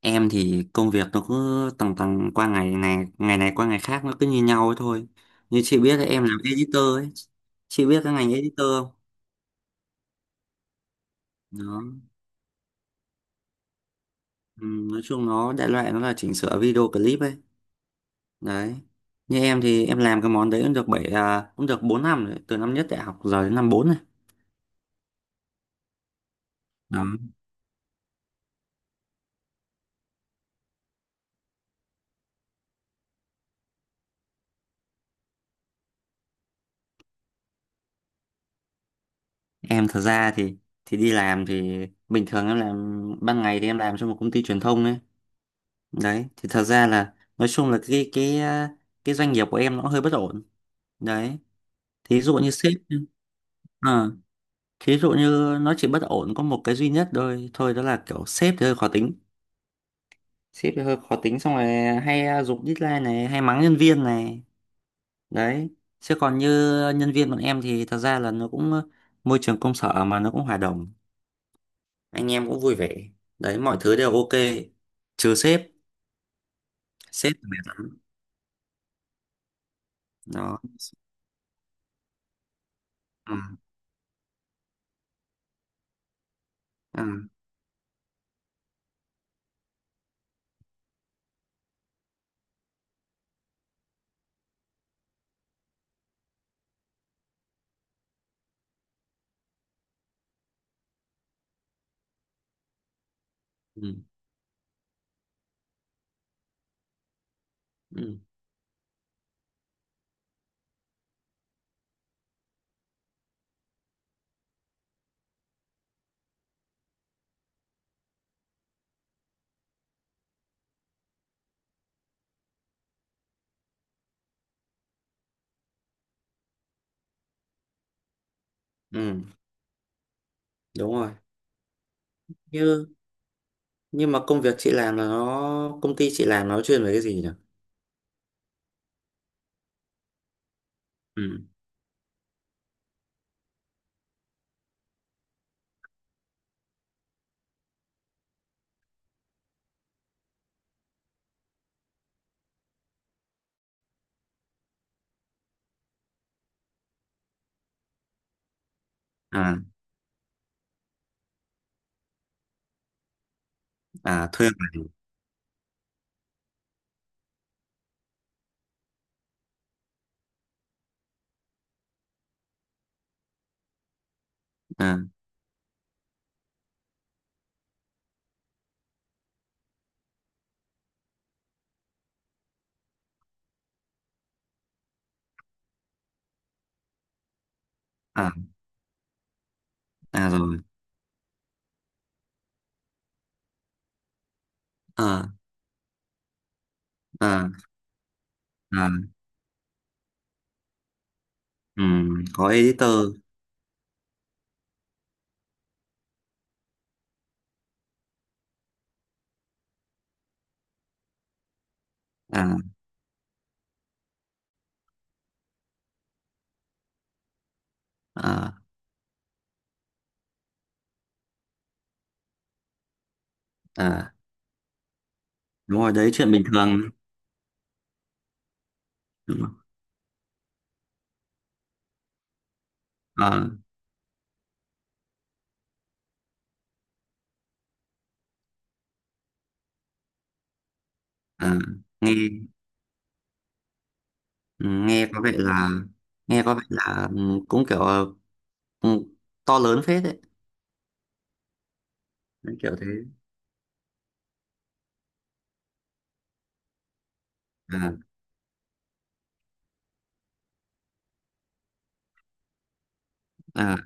Em thì công việc nó cứ tầng tầng qua ngày ngày ngày này qua ngày khác nó cứ như nhau ấy thôi. Như chị biết là em làm editor ấy. Chị biết cái ngành editor không? nó Ừ, nói chung nó đại loại nó là chỉnh sửa video clip ấy. Đấy. Như em thì em làm cái món đấy cũng được cũng được 4 năm rồi, từ năm nhất đại học giờ đến năm 4 này. Đó. Em thật ra thì đi làm thì bình thường em làm ban ngày, thì em làm cho một công ty truyền thông ấy. Đấy, thì thật ra là nói chung là cái doanh nghiệp của em nó hơi bất ổn đấy. thí dụ như sếp à, Thí dụ như nó chỉ bất ổn có một cái duy nhất thôi thôi, đó là kiểu sếp thì hơi khó tính. Xong rồi hay giục deadline này, hay mắng nhân viên này. Đấy, chứ còn như nhân viên bọn em thì thật ra là nó cũng môi trường công sở mà, nó cũng hòa đồng, anh em cũng vui vẻ. Đấy, mọi thứ đều ok trừ sếp. Sếp thì mệt lắm. Đó. Ừ. Ừ. Ừ. Ừ. Ừ. Đúng rồi. như nhưng mà công việc chị làm là nó công ty chị làm nó chuyên về cái gì nhỉ? Ừ. À. À thuê bản. À. à Rồi. À à. À. Ừ. Có editor. À. À. À. Đúng rồi đấy, chuyện bình thường. Đúng rồi. À. À. Nghe ừ, nghe có vẻ là, cũng kiểu ừ, to lớn phết đấy. Đấy, kiểu thế. À. À.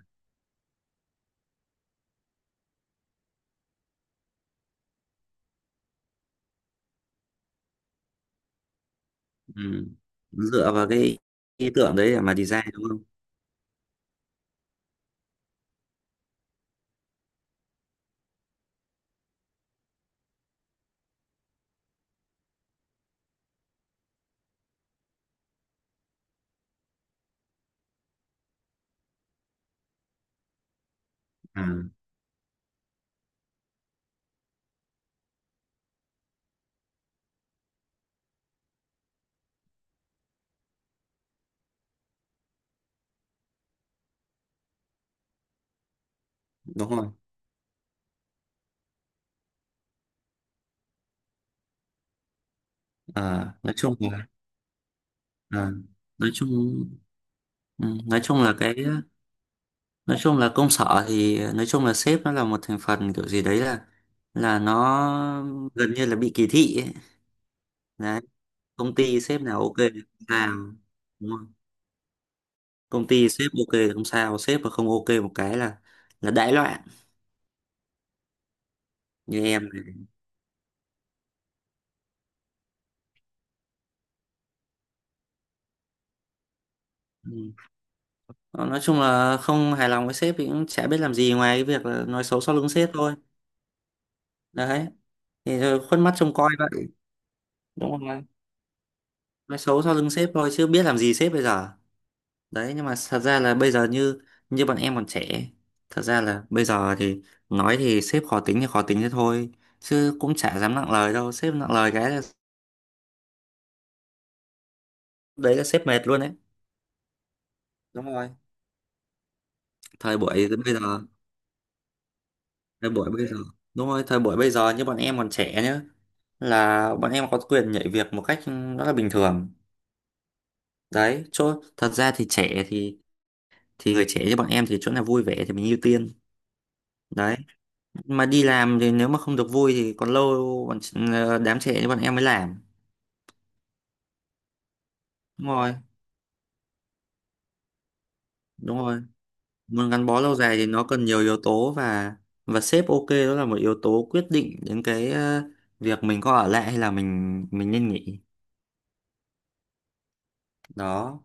Ừ. Dựa vào cái ý tưởng đấy để mà design đúng không? À, đúng rồi. À, nói chung À, nói chung ừ, nói chung là cái Nói chung là công sở thì nói chung là sếp nó là một thành phần kiểu gì đấy là nó gần như là bị kỳ thị ấy. Đấy, công ty sếp nào ok thì không sao, đúng không? Công ty sếp ok thì không sao, sếp mà không ok một cái là đại loạn. Như em này. Ừ. Ờ, nói chung là không hài lòng với sếp thì cũng chả biết làm gì ngoài cái việc là nói xấu sau lưng sếp thôi. Đấy, thì rồi khuất mắt trông coi vậy, đúng không? Nói xấu sau lưng sếp thôi chứ biết làm gì sếp bây giờ. Đấy, nhưng mà thật ra là bây giờ như như bọn em còn trẻ, thật ra là bây giờ thì nói thì sếp khó tính thì khó tính thế thôi, chứ cũng chả dám nặng lời đâu. Sếp nặng lời cái là, đấy, là sếp mệt luôn đấy. Đúng rồi, thời buổi bây giờ, thời buổi bây giờ đúng rồi, thời buổi bây giờ như bọn em còn trẻ nhá, là bọn em có quyền nhảy việc một cách rất là bình thường. Đấy, chỗ thật ra thì trẻ thì người trẻ như bọn em thì chỗ nào vui vẻ thì mình ưu tiên. Đấy, mà đi làm thì nếu mà không được vui thì còn lâu bọn đám trẻ như bọn em mới làm. Đúng rồi, đúng rồi. Muốn gắn bó lâu dài thì nó cần nhiều yếu tố, và sếp ok, đó là một yếu tố quyết định đến cái việc mình có ở lại hay là mình nên nghỉ. Đó.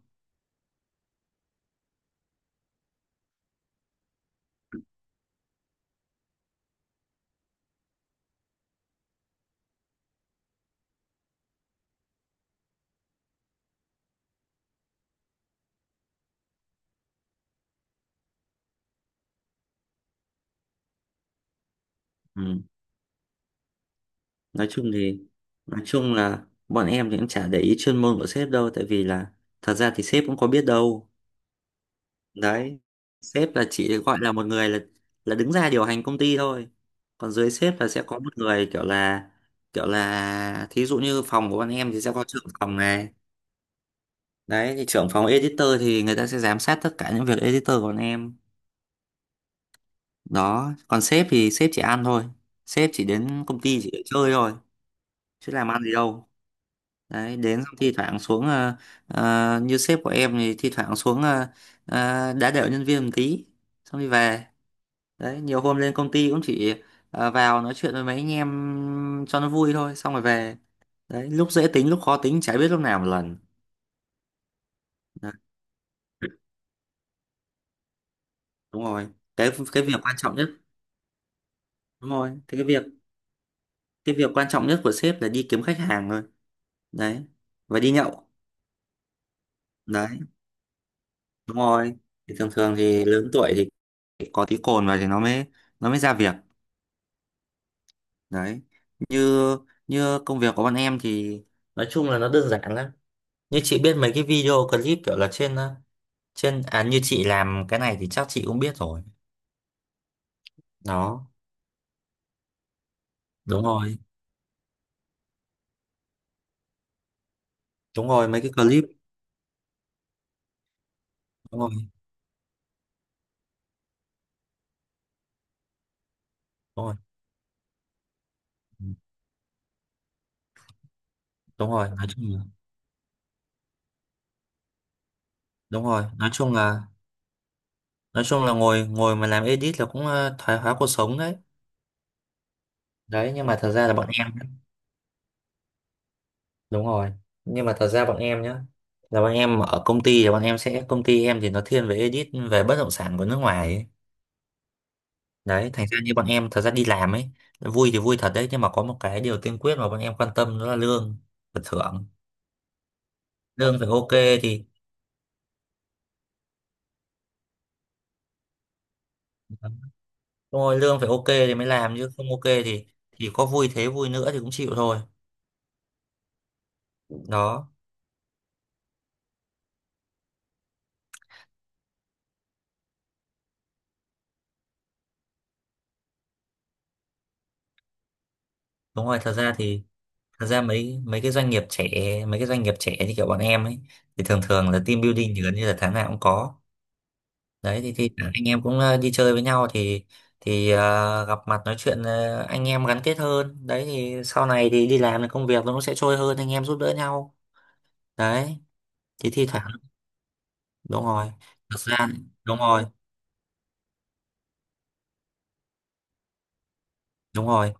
Ừ. Nói chung thì, nói chung là bọn em thì cũng chả để ý chuyên môn của sếp đâu, tại vì là thật ra thì sếp cũng có biết đâu. Đấy. Sếp là chỉ gọi là một người là đứng ra điều hành công ty thôi. Còn dưới sếp là sẽ có một người kiểu là, kiểu là thí dụ như phòng của bọn em thì sẽ có trưởng phòng này. Đấy, thì trưởng phòng editor thì người ta sẽ giám sát tất cả những việc editor của bọn em. Đó, còn sếp thì sếp chỉ ăn thôi. Sếp chỉ đến công ty chỉ để chơi thôi, chứ làm ăn gì đâu. Đấy, đến xong thi thoảng xuống như sếp của em thì thi thoảng xuống đá đểu nhân viên một tí xong đi về. Đấy, nhiều hôm lên công ty cũng chỉ vào nói chuyện với mấy anh em cho nó vui thôi, xong rồi về. Đấy, lúc dễ tính lúc khó tính chả biết lúc nào một lần. Đấy, đúng rồi. Cái việc quan trọng nhất, đúng rồi, cái việc cái việc quan trọng nhất của sếp là đi kiếm khách hàng thôi. Đấy, và đi nhậu. Đấy, đúng rồi, thì thường thường thì lớn tuổi thì có tí cồn vào thì nó mới ra việc. Đấy, như như công việc của bọn em thì nói chung là nó đơn giản lắm. Như chị biết mấy cái video clip kiểu là trên trên à, như chị làm cái này thì chắc chị cũng biết rồi đó. Đúng rồi, đúng rồi, mấy cái clip. Đúng rồi, đúng rồi. Ừ, đúng rồi, nói chung là, đúng rồi, nói chung là, nói chung là ngồi ngồi mà làm edit là cũng thoái hóa cuộc sống đấy. Đấy, nhưng mà thật ra là bọn em, đúng rồi, nhưng mà thật ra bọn em nhá, là bọn em ở công ty thì bọn em sẽ công ty em thì nó thiên về edit về bất động sản của nước ngoài ấy. Đấy, thành ra như bọn em thật ra đi làm ấy, vui thì vui thật đấy nhưng mà có một cái điều tiên quyết mà bọn em quan tâm đó là lương và thưởng. Lương phải ok thì, đúng rồi, lương phải ok thì mới làm chứ không ok thì có vui thế vui nữa thì cũng chịu thôi. Đó, đúng rồi, thật ra thì, thật ra mấy mấy cái doanh nghiệp trẻ, như kiểu bọn em ấy thì thường thường là team building thì gần như là tháng nào cũng có. Đấy thì anh em cũng đi chơi với nhau thì gặp mặt nói chuyện, anh em gắn kết hơn. Đấy thì sau này thì đi làm thì công việc nó cũng sẽ trôi hơn, anh em giúp đỡ nhau. Đấy thì thi thoảng đúng rồi thật ra đúng rồi, đúng rồi,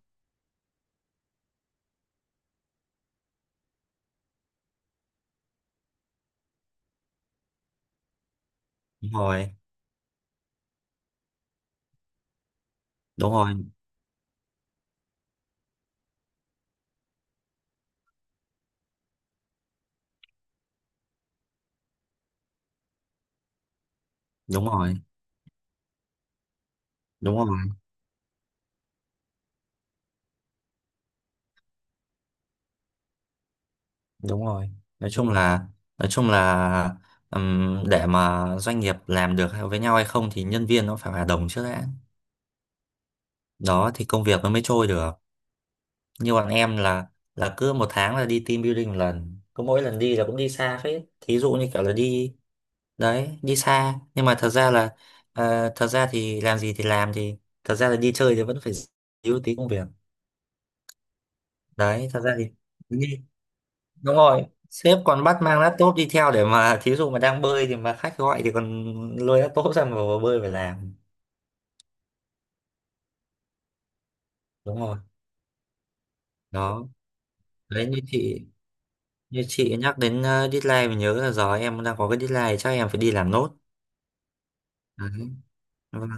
đúng rồi, đúng rồi, đúng rồi, đúng rồi, đúng rồi, nói chung là, nói chung là để mà doanh nghiệp làm được hay- với nhau hay không thì nhân viên nó phải hòa đồng trước đã. Đó thì công việc nó mới trôi được. Như bọn em là cứ một tháng là đi team building một lần, cứ mỗi lần đi là cũng đi xa phết, thí dụ như kiểu là đi. Đấy, đi xa nhưng mà thật ra là thật ra thì làm gì thì làm thì thật ra là đi chơi thì vẫn phải díu tí công việc. Đấy, thật ra thì, đúng rồi, sếp còn bắt mang laptop đi theo để mà thí dụ mà đang bơi thì mà khách gọi thì còn lôi laptop ra mà vào bơi phải làm. Đúng rồi. Đó. Đấy, như chị, như chị nhắc đến deadline mình nhớ là giờ em đang có cái deadline chắc em phải đi làm nốt. Đấy. Vâng.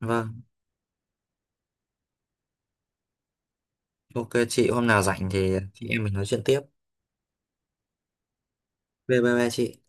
Vâng, ok chị, hôm nào rảnh thì chị em mình nói chuyện tiếp. Bye bye, chị.